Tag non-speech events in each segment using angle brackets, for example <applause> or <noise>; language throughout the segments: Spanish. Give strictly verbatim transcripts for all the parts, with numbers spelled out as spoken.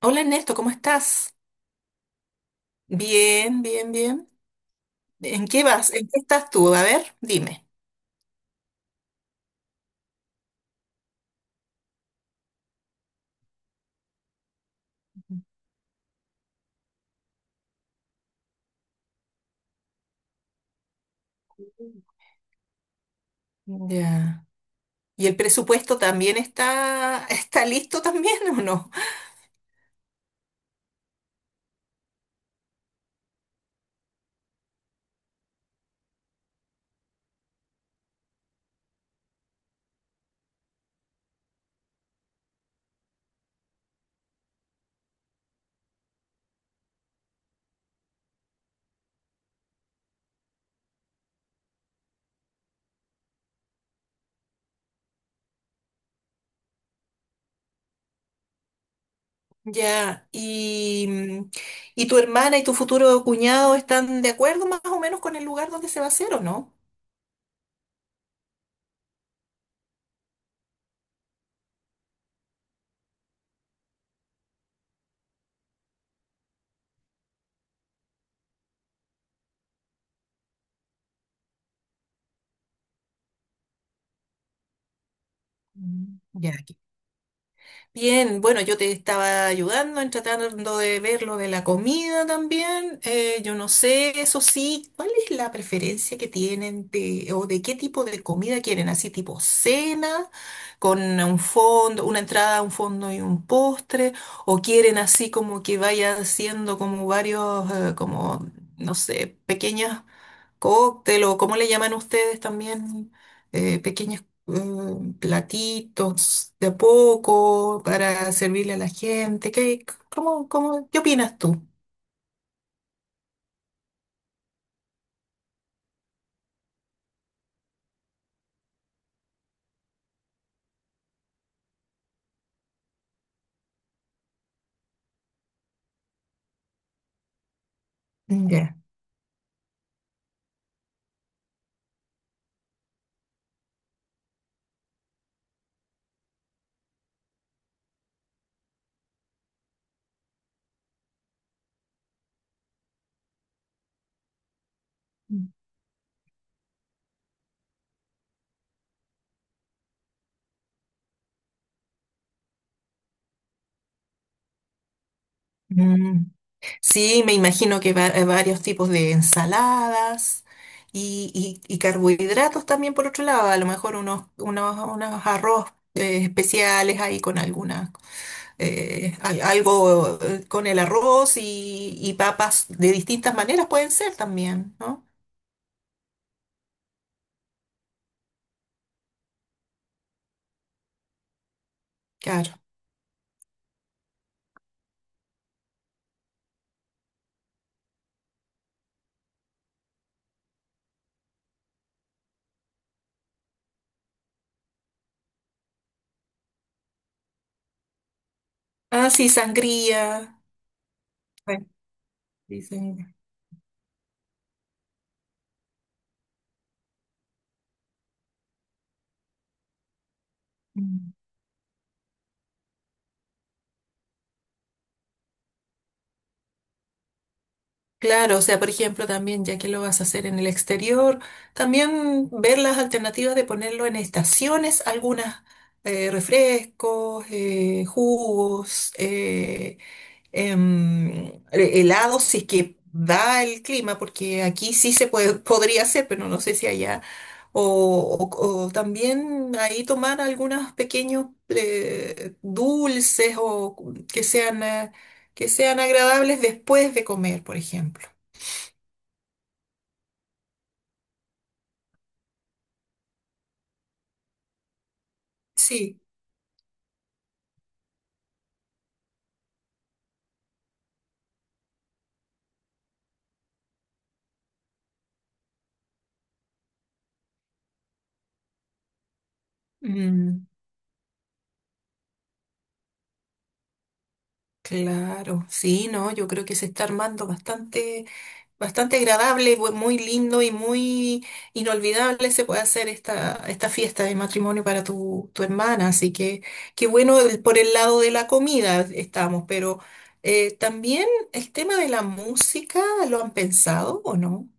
Hola Ernesto, ¿cómo estás? Bien, bien, bien. ¿En qué vas? ¿En qué estás tú? A ver, dime. Ya. ¿Y el presupuesto también está, <laughs> está listo también o no? Ya. ¿Y, mm, y tu hermana y tu futuro cuñado están de acuerdo más o menos con el lugar donde se va a hacer o no? Mm. Ya. Bien, bueno, yo te estaba ayudando en tratando de ver lo de la comida también. Eh, yo no sé, eso sí, ¿cuál es la preferencia que tienen de, o de qué tipo de comida quieren? ¿Así tipo cena, con un fondo, una entrada, un fondo y un postre? ¿O quieren así como que vaya haciendo como varios, eh, como, no sé, pequeñas cóctel o cómo le llaman ustedes también, eh, pequeños eh, platitos de a poco para servirle a la gente? ¿Qué, cómo, cómo- qué opinas tú? Ya. Mm. Sí, me imagino que va- eh, varios tipos de ensaladas y, y- y carbohidratos también por otro lado, a lo mejor unos, unos, unos arroz eh, especiales ahí con algunas. eh, al- algo eh, con el arroz y, y papas de distintas maneras pueden ser también, ¿no? Claro. Ah, sí, sangría. Bueno, sí, sangría. Mm. Claro, o sea, por ejemplo, también ya que lo vas a hacer en el exterior, también ver las alternativas de ponerlo en estaciones, algunas eh, refrescos, eh, jugos, eh, em, he- helado si es que da el clima, porque aquí sí se puede, <laughs> podría hacer, pero no sé si allá. O, o- o también ahí tomar algunos pequeños eh, dulces o cu- que sean, eh, que sean agradables después de comer, por ejemplo. Sí, mm, claro, sí, no, yo creo que se está armando bastante. Bastante agradable, bu- muy lindo y muy inolvidable se puede hacer esta, esta fiesta de matrimonio para tu, tu hermana. Así que qué bueno el- por el lado de la comida estamos, pero eh, también el tema de la música, ¿lo han pensado o no?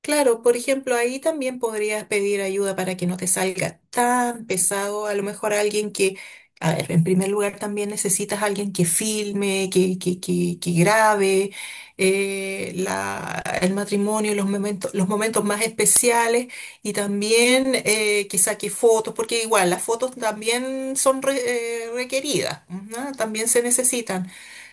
Claro, por ejemplo, ahí también podrías pedir ayuda para que no te salga tan pesado. A lo mejor alguien que, a ver, en primer lugar también necesitas alguien que filme, que, que, que, que grabe eh, la, el matrimonio, los momentos, los momentos más especiales y también eh, que saque fotos, porque igual las fotos también son re- eh, requeridas, ¿no? También se necesitan.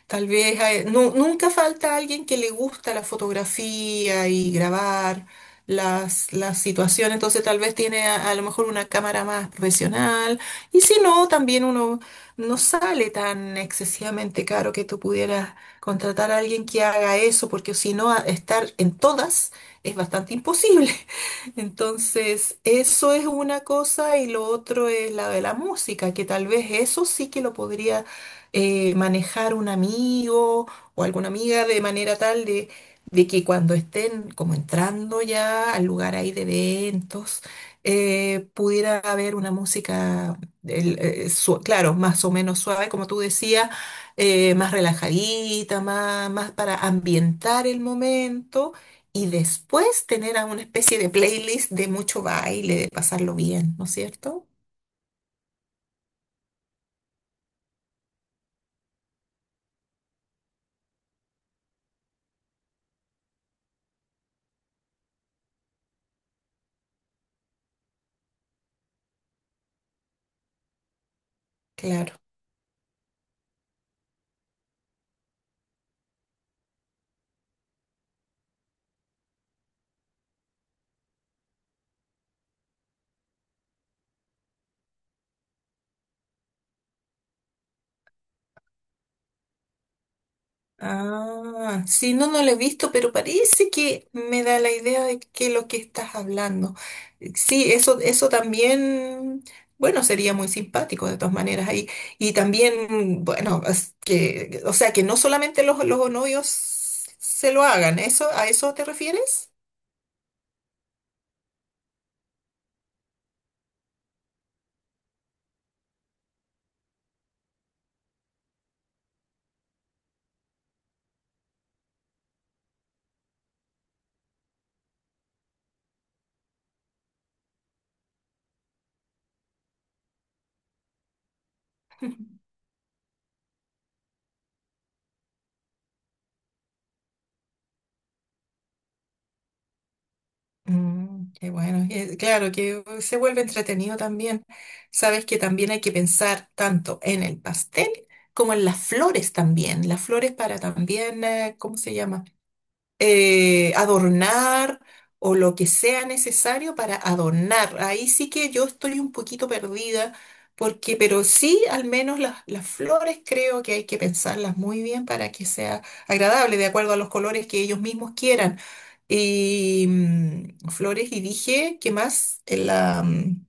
Tal vez hay- nu- nunca falta alguien que le gusta la fotografía y grabar las, las situaciones, entonces tal vez tiene a, a lo mejor una cámara más profesional y si no, también uno no sale tan excesivamente caro que tú pudieras contratar a alguien que haga eso, porque si no, a- estar en todas es bastante imposible. <laughs> Entonces, eso es una cosa y lo otro es la de la música, que tal vez eso sí que lo podría eh, manejar un amigo o alguna amiga de manera tal de, de que cuando estén como entrando ya al lugar ahí de eventos, eh, pudiera haber una música, el, eh, su- claro, más o menos suave, como tú decías, eh, más relajadita, más, más para ambientar el momento y después tener a una especie de playlist de mucho baile, de pasarlo bien, ¿no es cierto? Claro. Ah, sí, no, no lo he visto, pero parece que me da la idea de que lo que estás hablando. Eh, Sí, eso, eso también, bueno, sería muy simpático de todas maneras ahí. Y también, bueno, es que, o sea, que no solamente los, los novios se lo hagan, ¿eso, a eso te refieres? Mm, qué bueno, que- claro que uh, se vuelve entretenido también. Sabes que también hay que pensar tanto en el pastel como en las flores también. Las flores para también, eh, ¿cómo se llama? eh, adornar o lo que sea necesario para adornar. Ahí sí que yo estoy un poquito perdida, porque, pero sí, al menos las, las flores creo que hay que pensarlas muy bien para que sea agradable, de acuerdo a los colores que ellos mismos quieran. Y mm, flores y dije, ¿qué más? Eh, La, mm,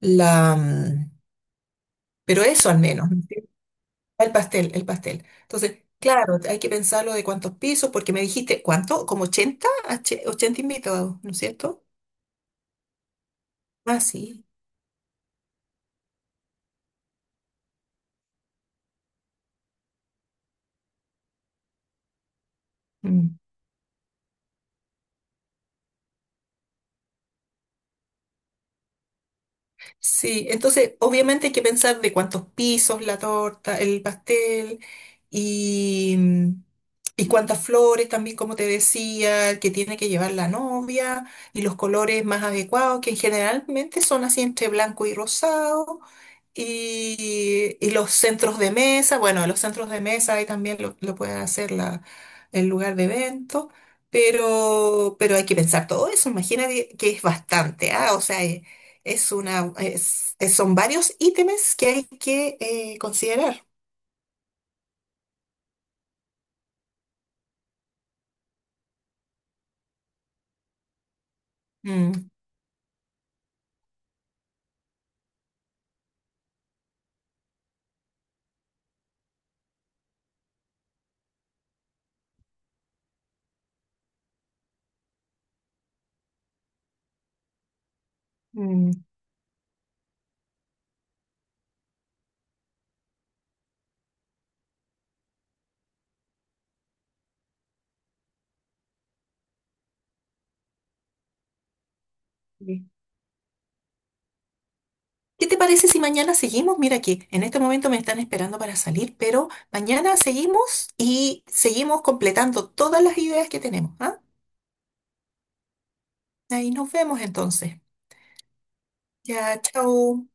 la, mm, pero eso al menos. El pastel, el pastel. Entonces, claro, hay que pensarlo de cuántos pisos, porque me dijiste, ¿cuánto? ¿Como ochenta Ach- ochenta invitados, no es cierto? Ah, sí. Mm. Sí, entonces obviamente hay que pensar de cuántos pisos la torta, el pastel y, mm, y cuántas flores también, como te decía, que tiene que llevar la novia y los colores más adecuados, que generalmente son así entre blanco y rosado. Y, y los centros de mesa, bueno, los centros de mesa ahí también lo, lo puede hacer la, el lugar de evento, pero, pero hay que pensar todo eso, imagínate que es bastante, ¿ah? O sea, eh, es una, es- es- son varios ítems que hay que eh, considerar. Mm, mm, sí. ¿Qué te parece si mañana seguimos? Mira que en este momento me están esperando para salir, pero mañana seguimos y seguimos completando todas las ideas que tenemos, ¿ah? Ahí nos vemos entonces. Ya, chao.